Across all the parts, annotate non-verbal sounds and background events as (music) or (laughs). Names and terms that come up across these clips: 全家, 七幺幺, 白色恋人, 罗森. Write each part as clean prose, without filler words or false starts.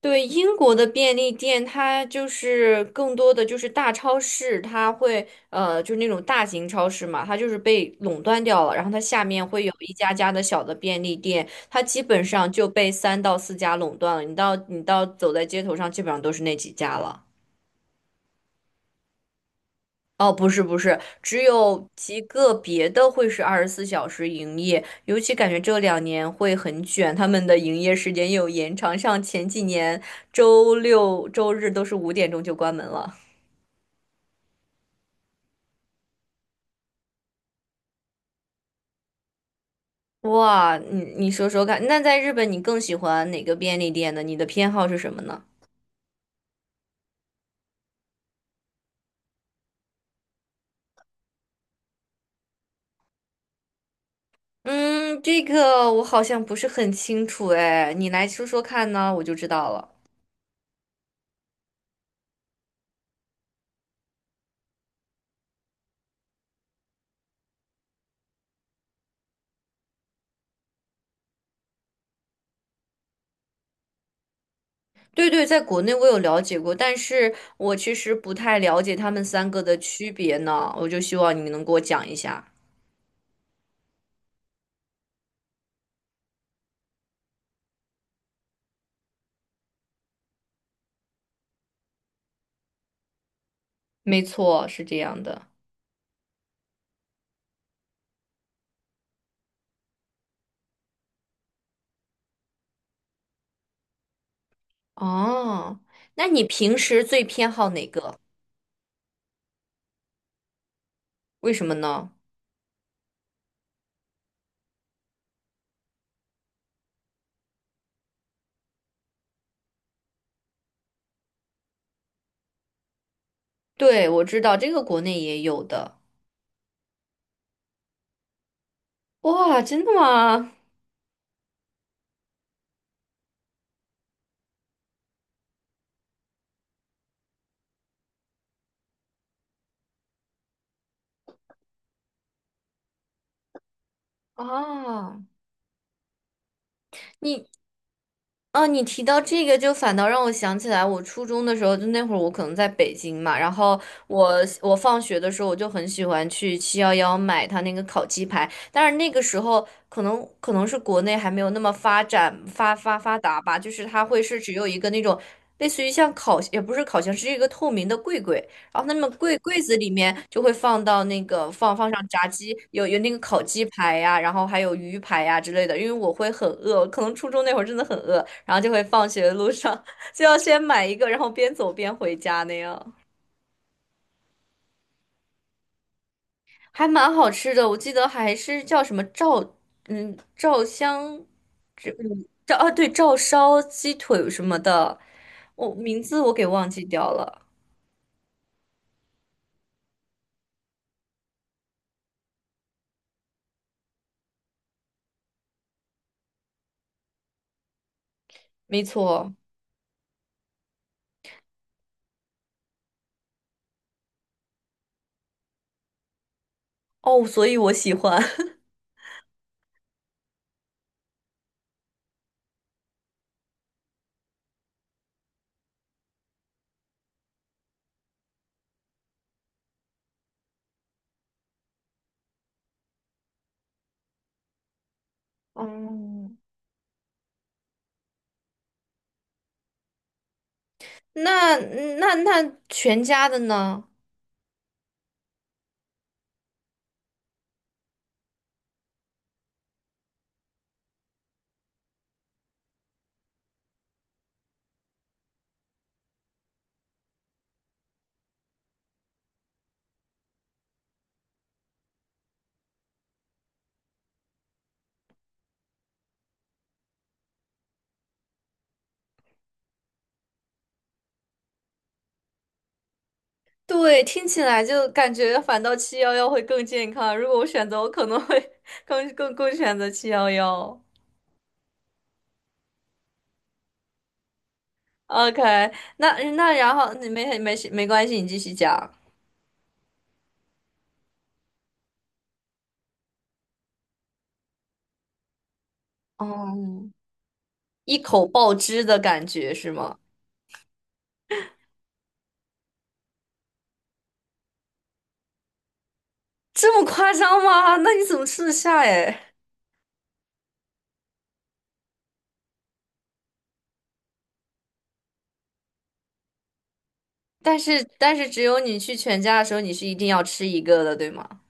对，英国的便利店，它就是更多的就是大超市，它会就是那种大型超市嘛，它就是被垄断掉了，然后它下面会有一家家的小的便利店，它基本上就被三到四家垄断了。你到你到走在街头上，基本上都是那几家了。哦，不是不是，只有极个别的会是24小时营业，尤其感觉这两年会很卷，他们的营业时间又有延长，像前几年周六周日都是5点钟就关门了。哇，你说说看，那在日本你更喜欢哪个便利店呢？你的偏好是什么呢？嗯，这个我好像不是很清楚哎，你来说说看呢，我就知道了。对对，在国内我有了解过，但是我其实不太了解他们三个的区别呢，我就希望你能给我讲一下。没错，是这样的。哦，那你平时最偏好哪个？为什么呢？对，我知道这个国内也有的。哇，真的吗？啊，你哦，你提到这个，就反倒让我想起来，我初中的时候，就那会儿我可能在北京嘛，然后我我放学的时候，我就很喜欢去七幺幺买他那个烤鸡排，但是那个时候可能是国内还没有那么发展发发发达吧，就是它会是只有一个那种类似于像烤，也不是烤箱，是一个透明的柜，然后，那么柜子里面就会放到那个放上炸鸡，有那个烤鸡排呀、然后还有鱼排呀、之类的。因为我会很饿，可能初中那会儿真的很饿，然后就会放学路上 (laughs) 就要先买一个，然后边走边回家那样，还蛮好吃的。我记得还是叫什么照照香，这照啊对照烧鸡腿什么的，名字我给忘记掉了。没错，哦，所以我喜欢。(laughs) 嗯，那那全家的呢？对，听起来就感觉反倒七幺幺会更健康。如果我选择，我可能会 (laughs) 更选择七幺幺。OK，那然后你没事没关系，你继续讲。哦，一口爆汁的感觉是吗？这么夸张吗？那你怎么吃得下哎？但是只有你去全家的时候，你是一定要吃一个的，对吗？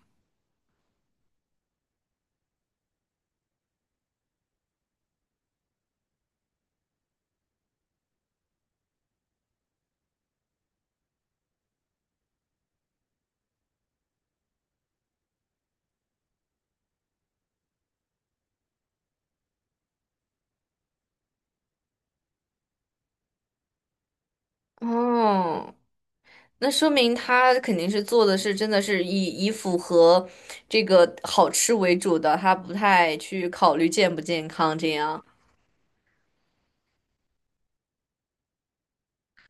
哦。那说明他肯定是做的是真的是以符合这个好吃为主的，他不太去考虑健不健康这样。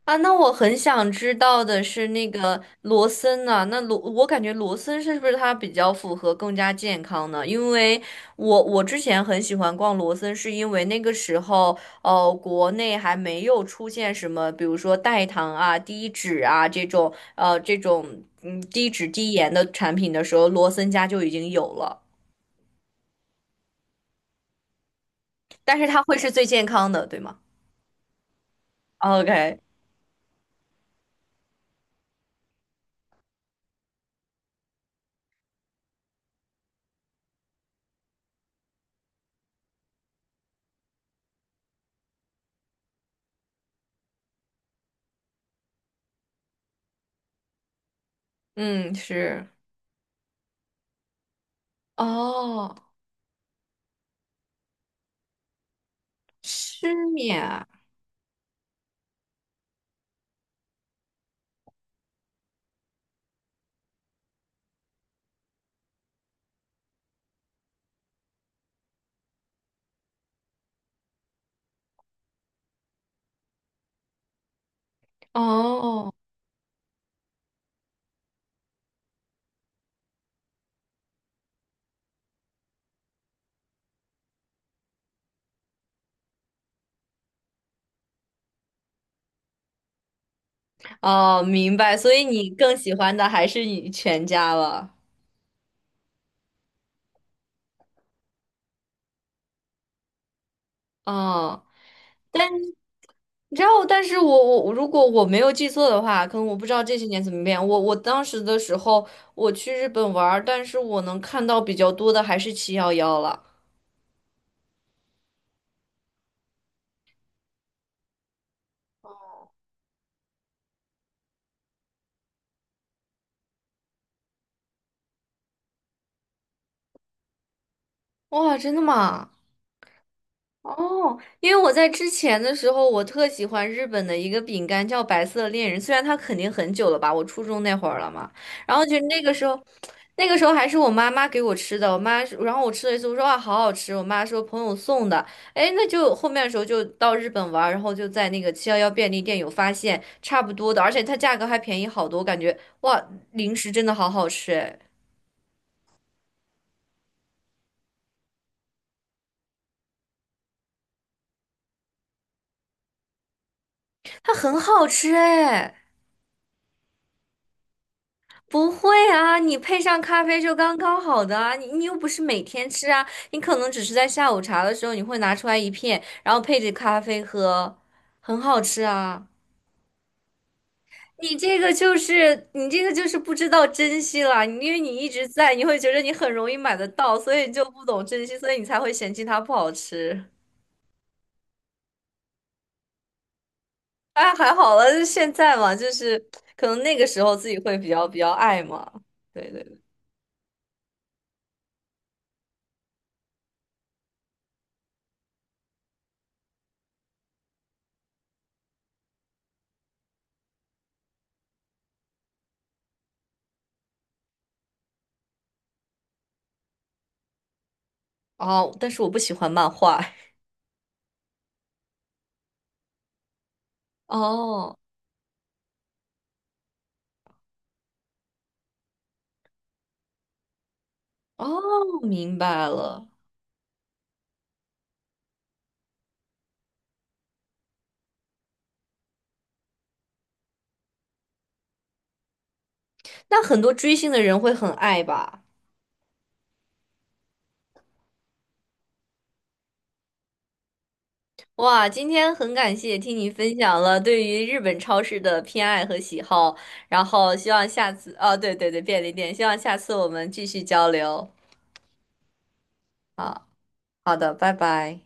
啊，那我很想知道的是那个罗森呢、我感觉罗森是不是它比较符合更加健康呢？因为我之前很喜欢逛罗森，是因为那个时候，国内还没有出现什么，比如说代糖啊、低脂啊这种低脂低盐的产品的时候，罗森家就已经有了。但是它会是最健康的，对吗？OK，嗯，是，哦，失眠啊，哦。哦，明白，所以你更喜欢的还是你全家了。哦，但你知道，但是我如果我没有记错的话，可能我不知道这些年怎么变。我当时的时候，我去日本玩儿，但是我能看到比较多的还是七幺幺了。哇，真的吗？哦，因为我在之前的时候，我特喜欢日本的一个饼干叫白色恋人，虽然它肯定很久了吧，我初中那会儿了嘛。然后就那个时候还是我妈妈给我吃的，我妈，然后我吃了一次，我说哇，好好吃，我妈说朋友送的，哎，那就后面的时候就到日本玩儿然后就在那个七幺幺便利店有发现差不多的，而且它价格还便宜好多，我感觉哇，零食真的好好吃，哎，它很好吃哎。不会啊，你配上咖啡就刚刚好的啊，你又不是每天吃啊，你可能只是在下午茶的时候你会拿出来一片，然后配着咖啡喝，很好吃啊。你这个就是不知道珍惜了，你因为你一直在，你会觉得你很容易买得到，所以你就不懂珍惜，所以你才会嫌弃它不好吃。哎，还好了，就是现在嘛，就是可能那个时候自己会比较爱嘛。对对对，哦，但是我不喜欢漫画。(laughs) 哦。哦，明白了。那很多追星的人会很爱吧？哇，今天很感谢听你分享了对于日本超市的偏爱和喜好，然后希望下次，哦，对对对，便利店，希望下次我们继续交流。好的，拜拜。